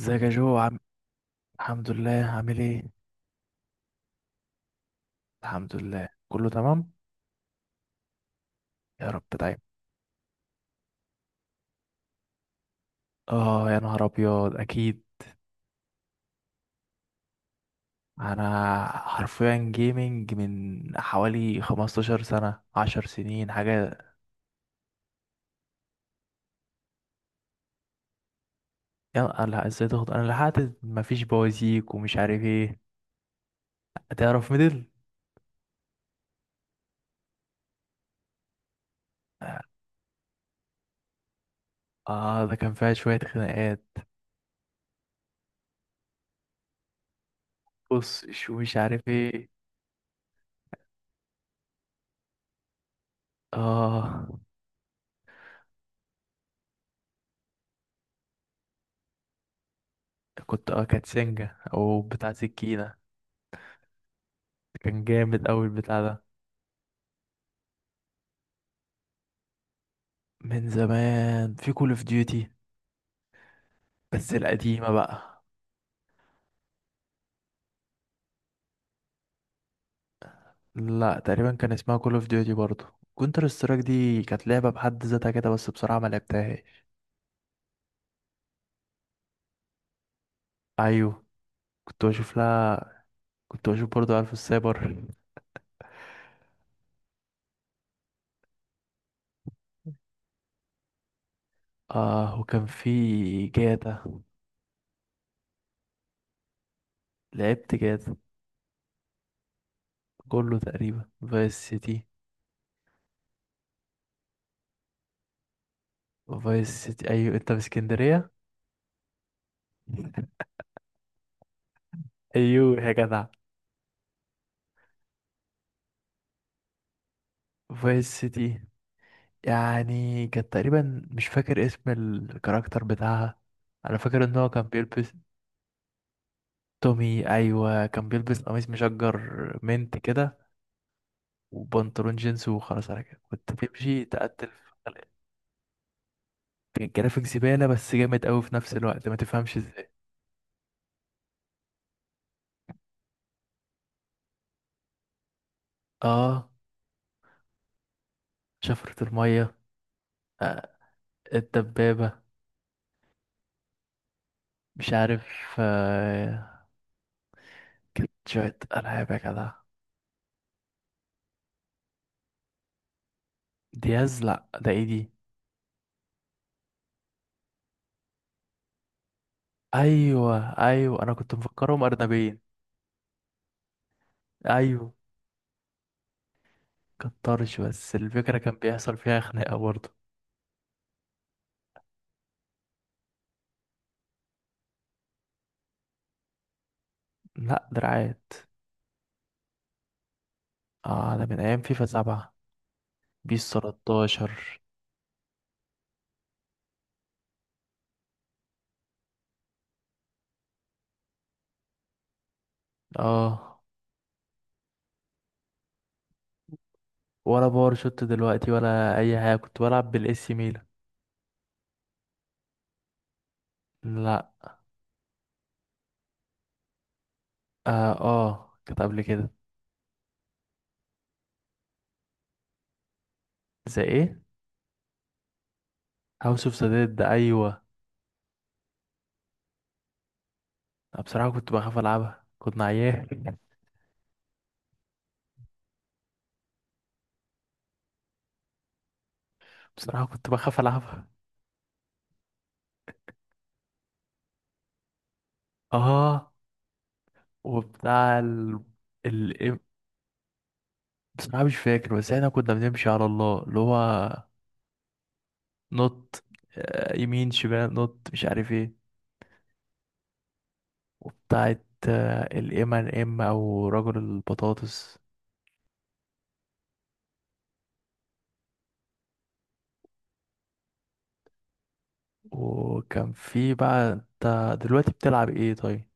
ازيك يا جو عم. الحمد لله، عامل ايه؟ الحمد لله، كله تمام. يا رب دايما. اه، يا نهار ابيض، اكيد. انا حرفيا جيمنج من حوالي 15 سنة، 10 سنين حاجة. يا الله ازاي تاخد، انا لحقت مفيش بوازيك ومش عارف ايه. تعرف ميدل؟ اه، ده كان فيها شوية خناقات. بص، شو مش عارف ايه. اه، كنت اه كانت سنجة او بتاع سكينة. كان جامد اوي البتاع ده. من زمان في كول اوف ديوتي، بس القديمة بقى. لا، تقريبا كان اسمها كول اوف ديوتي برضو. كونتر سترايك دي كانت لعبة بحد ذاتها كده، بس بصراحة ما لعبتهاش. ايوه، كنت بشوف لها. كنت بشوف برضو، عارف السايبر. اه، وكان في جاتا. لعبت جاتا. كله تقريبا، فايس سيتي. فايس سيتي، ايوه، انت في اسكندرية. ايوه يا جدع. فايس سيتي. يعني كانت تقريبا، مش فاكر اسم الكاركتر بتاعها. انا فاكر ان هو كان بيلبس. تومي، ايوه كان بيلبس قميص مشجر. منت كده. وبنطلون جينز، وخلاص على كده كنت تمشي تقتل في خلق. كان جرافيك زباله، بس جامد قوي في نفس الوقت، ما تفهمش ازاي. اه، شفرة الميه. آه، الدبابه. مش عارف. آه، كانت شويه العاب يا جدع. دياز، لا ده ايه دي. ايوه، ايوه، انا كنت مفكرهم ارنبين. ايوه، كترش بس الفكره كان بيحصل فيها خناقه برضه. لا، دراعات. اه، ده من ايام فيفا 7، بيس 13. اه، ولا باور شوت دلوقتي ولا اي حاجه، كنت بلعب بالاس ميلان. لا. اه، آه، كانت قبل كده. زي ايه؟ هاوس اوف ذا ديد، ايوه. بصراحه كنت بخاف العبها، كنت عيان. بصراحه كنت بخاف العبها. اه، وبتاع ال... ال... بصراحه مش فاكر، بس احنا كنا بنمشي على الله، اللي هو نط. يمين شمال نط، مش عارف ايه. وبتاعت الام ان ام او رجل البطاطس. وكان في بقى، انت دلوقتي بتلعب ايه طيب؟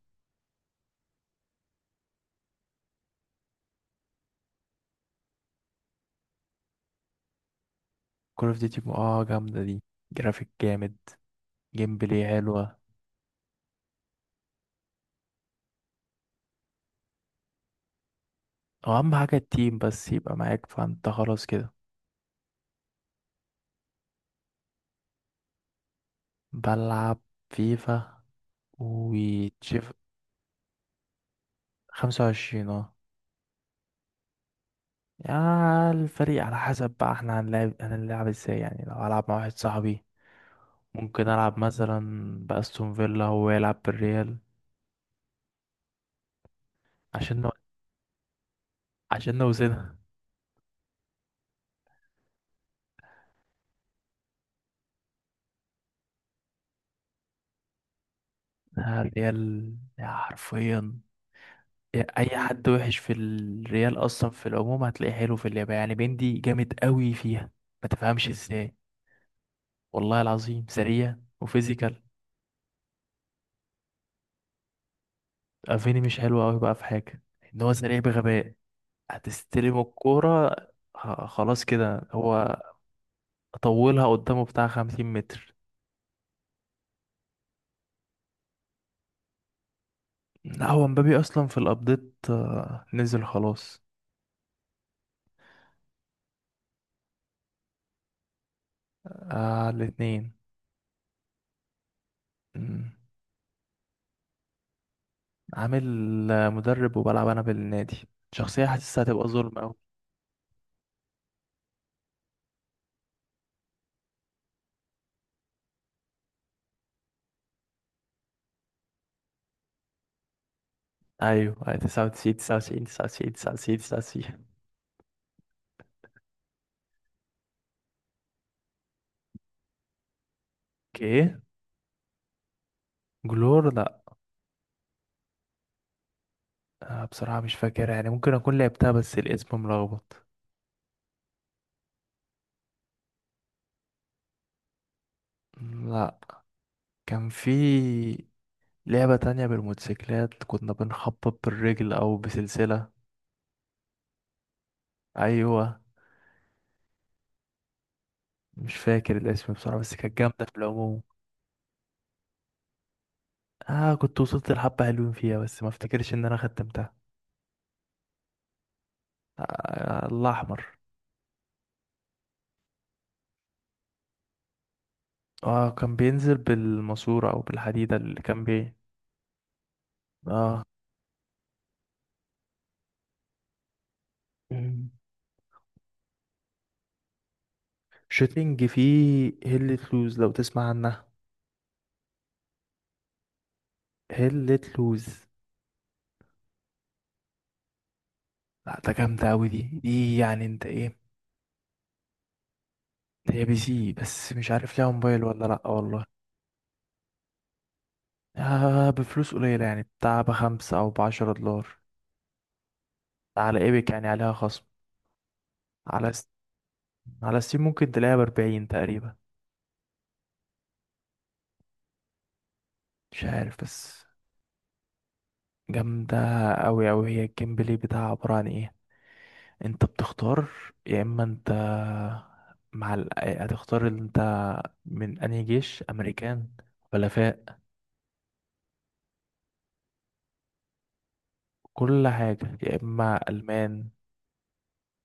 كول اوف ديوتي، اه جامدة دي. جرافيك جامد. جيم بلاي حلوة. او اهم حاجة التيم بس يبقى معاك، فانت خلاص كده. بلعب فيفا وتشيف. 25، اه. يا الفريق على حسب بقى، احنا هنلعب ازاي، يعني لو هلعب مع واحد صاحبي، ممكن العب مثلا باستون فيلا، هو يلعب بالريال. عشان نو... عشان نوزنها. الريال، يا حرفيا، اي حد وحش في الريال اصلا في العموم هتلاقيه حلو في اللعبه، يعني بندي جامد قوي فيها، ما تفهمش ازاي. والله العظيم سريع، وفيزيكال. افيني مش حلو قوي، بقى في حاجه ان هو سريع بغباء. هتستلم الكوره، خلاص كده هو طولها قدامه بتاع 50 متر. لا، هو مبابي اصلا في الابديت، نزل خلاص. آه، الاتنين. مم. عامل مدرب، وبلعب انا بالنادي، شخصيه حاسسها هتبقى ظلم. ايوه، أيوة، 99 99 99 99 99. اوكي. جلور، لا. أنا بصراحة مش فاكر، يعني ممكن اكون لعبتها بس الاسم ملخبط. لا. كان في لعبة تانية بالموتوسيكلات، كنا بنخبط بالرجل او بسلسلة. ايوه، مش فاكر الاسم بصراحة، بس كانت جامدة في العموم. اه، كنت وصلت لحبة حلوين فيها، بس ما افتكرش ان انا ختمتها. آه، الله احمر. اه، كان بينزل بالماسورة او بالحديدة اللي كان بيه. اه. شوتينج فيه هيلة لوز، لو تسمع عنها. هيلة لوز. لا، ده جامدة أوي دي يعني انت ايه. هي بي سي، بس مش عارف ليها موبايل ولا لأ والله. آه، بفلوس قليلة، يعني بتاع بخمسة أو بعشرة دولار. على ايبك، يعني عليها خصم. على س... على ستيم ممكن تلاقيها بـ40 تقريبا. مش عارف بس. جامدة أوي أوي، هي الجيم بلاي بتاعها عبارة عن ايه. انت بتختار، يا اما انت هتختار اللي انت من انهي جيش، امريكان، حلفاء. كل حاجة، يا اما المان،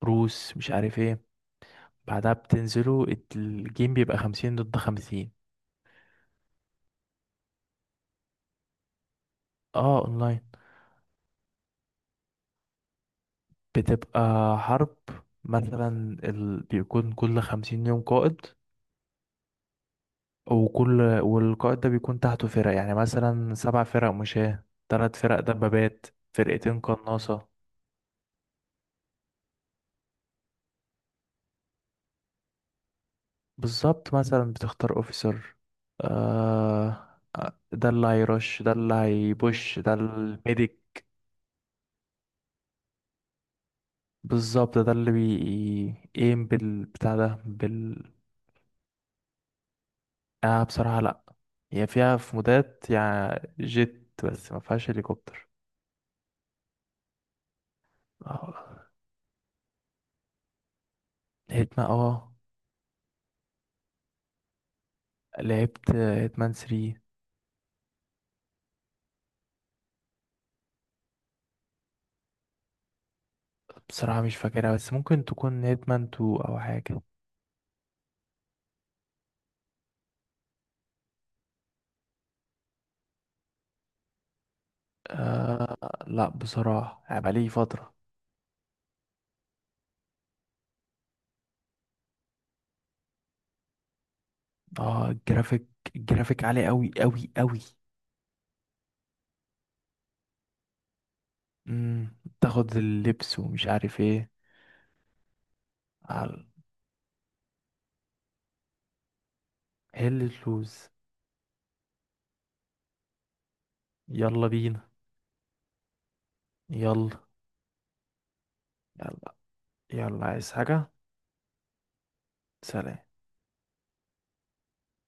روس، مش عارف ايه. بعدها بتنزلوا، الجيم بيبقى 50 ضد 50. اه، اونلاين. بتبقى حرب، مثلا بيكون كل 50 يوم قائد، والقائد ده بيكون تحته فرق، يعني مثلا سبع فرق مشاة، تلات فرق دبابات، فرقتين قناصة. بالظبط، مثلا بتختار اوفيسر، آه، آه، ده اللي هيرش، ده اللي هيبوش، ده الميديك. بالظبط، ده اللي بيقيم بالبتاع ده بال. آه، بصراحة لأ. هي فيها في مودات يعني جيت، بس ما فيهاش هليكوبتر. آه، هيتمان، اه. لعبت هيتمان 3. بصراحة مش فاكرها، بس ممكن تكون هيتمان 2 أو حاجة. لأ بصراحة، يعني بقالي فترة. اه، الجرافيك، الجرافيك عالي أوي أوي أوي. تاخد اللبس ومش عارف ايه. على هل اللوز. يلا بينا. يلا. يلا، يلا عايز حاجة؟ سلام.